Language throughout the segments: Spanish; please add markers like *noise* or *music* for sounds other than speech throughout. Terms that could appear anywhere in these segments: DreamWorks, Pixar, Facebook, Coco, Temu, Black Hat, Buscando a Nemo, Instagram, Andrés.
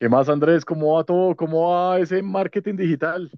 ¿Qué más, Andrés? ¿Cómo va todo? ¿Cómo va ese marketing digital?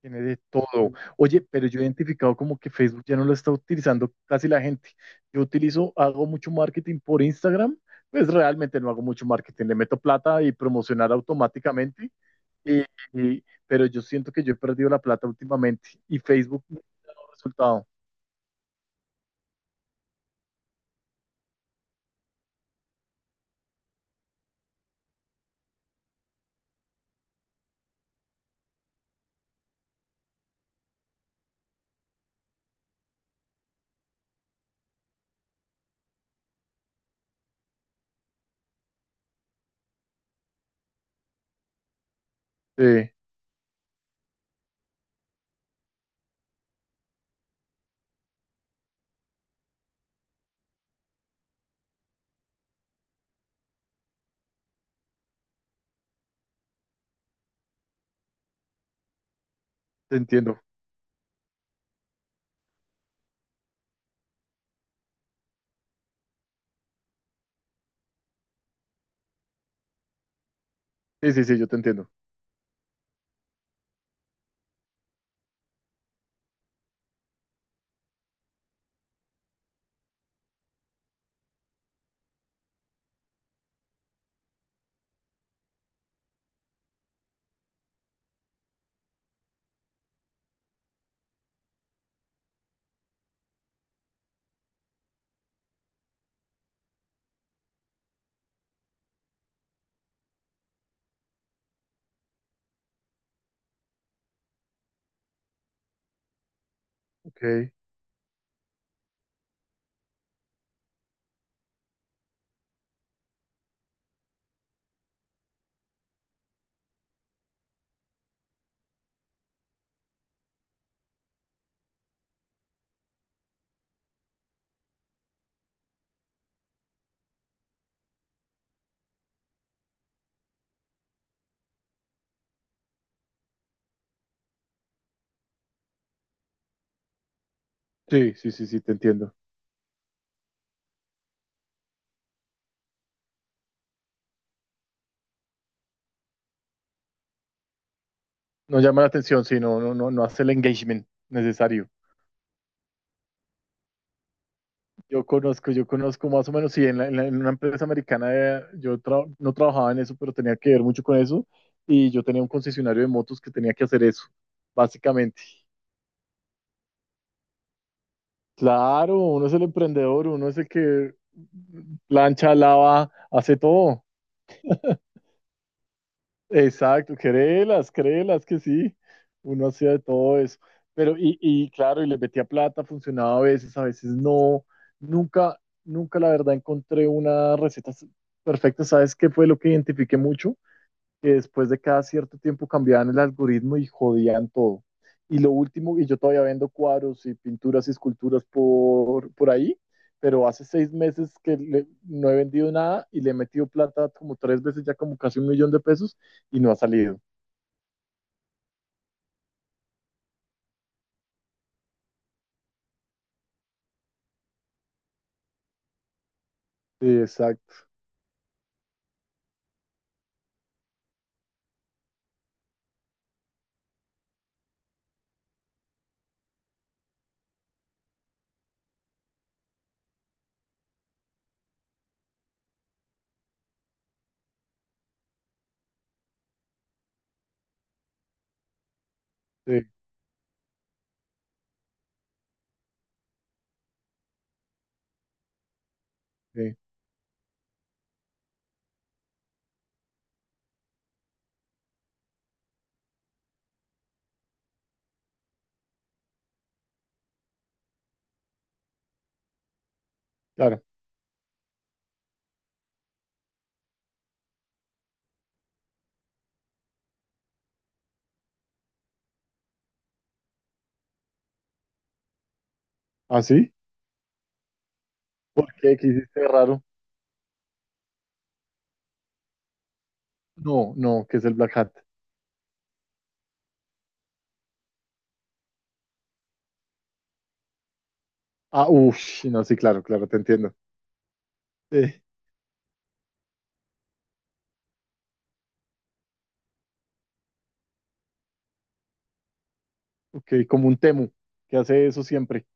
Tiene de todo. Oye, pero yo he identificado como que Facebook ya no lo está utilizando casi la gente. Yo utilizo, hago mucho marketing por Instagram, pues realmente no hago mucho marketing. Le meto plata y promocionar automáticamente, y- pero yo siento que yo he perdido la plata últimamente y Facebook no ha resultado. Sí, te entiendo. Sí, sí, sí, yo te entiendo. Ok. Sí, sí, sí, sí, te entiendo. No llama la atención, sí, no, no, no, no hace el engagement necesario. Yo conozco más o menos, sí, en, en una empresa americana yo no trabajaba en eso, pero tenía que ver mucho con eso y yo tenía un concesionario de motos que tenía que hacer eso, básicamente. Claro, uno es el emprendedor, uno es el que plancha, lava, hace todo. Exacto, créelas, créelas que sí, uno hacía de todo eso. Pero, y claro, y les metía plata, funcionaba a veces no. Nunca, nunca la verdad encontré una receta perfecta. ¿Sabes qué fue lo que identifiqué mucho? Que después de cada cierto tiempo cambiaban el algoritmo y jodían todo. Y lo último, y yo todavía vendo cuadros y pinturas y esculturas por ahí, pero hace 6 meses no he vendido nada y le he metido plata como 3 veces, ya como casi $1.000.000, y no ha salido. Sí, exacto, sí, sí, claro. ¿Ah, sí? ¿Por qué? ¿Qué hiciste raro? No, no, que es el Black Hat? Ah, uff, sí, no, sí, claro, claro, te entiendo. Sí, ok, como un Temu, que hace eso siempre.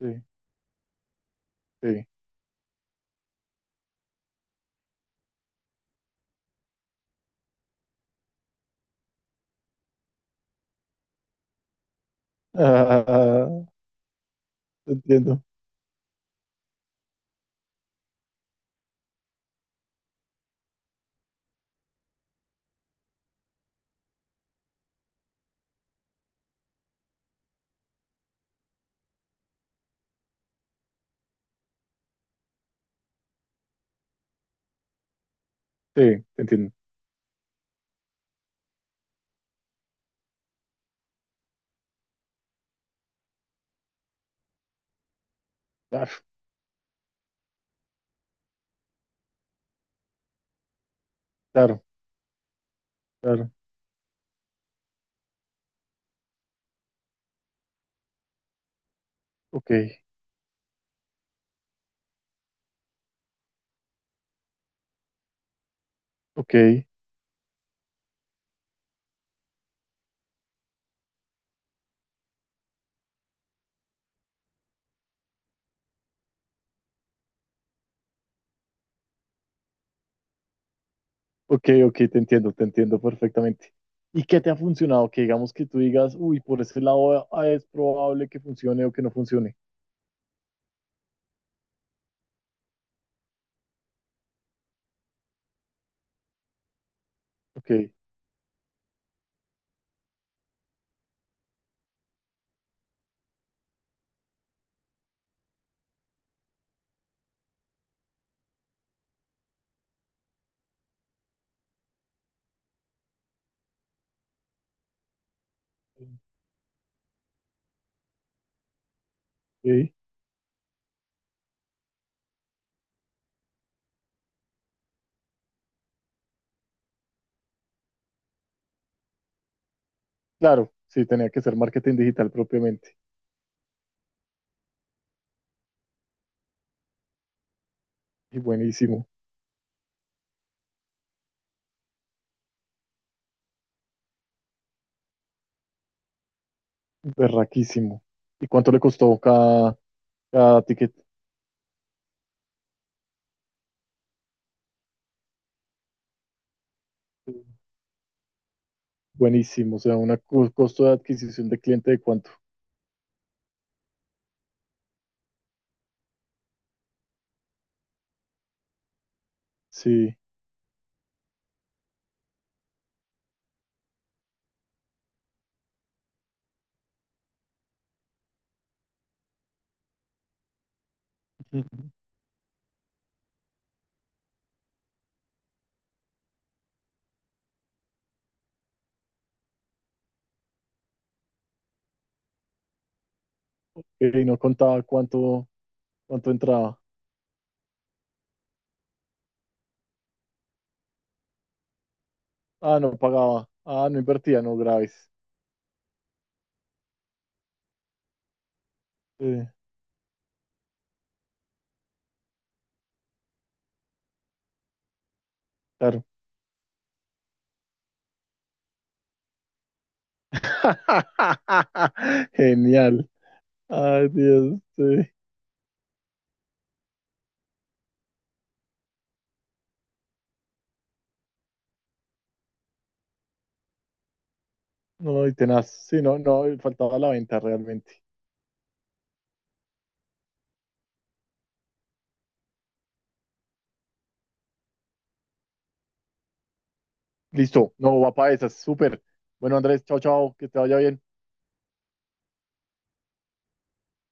Sí, sí. *laughs* Entiendo. Sí, te entiendo. Claro, claro, claro. Ok, ok, ok, te entiendo perfectamente. ¿Y qué te ha funcionado? Que digamos que tú digas, uy, por ese lado es probable que funcione o que no funcione. Ok, ok. Claro, sí, tenía que ser marketing digital propiamente. Y buenísimo, berraquísimo. ¿Y cuánto le costó cada ticket? Buenísimo, o sea, un costo de adquisición de cliente de cuánto. Sí. *laughs* Y no contaba cuánto. ¿Cuánto entraba? Ah, no pagaba. Ah, no invertía, no, graves. Sí, claro. *laughs* Genial. Ay, Dios, sí. No, y tenaz. Sí, no, no, faltaba la venta realmente. Listo. No, va para esas. Súper. Bueno, Andrés, chao, chao. Que te vaya bien.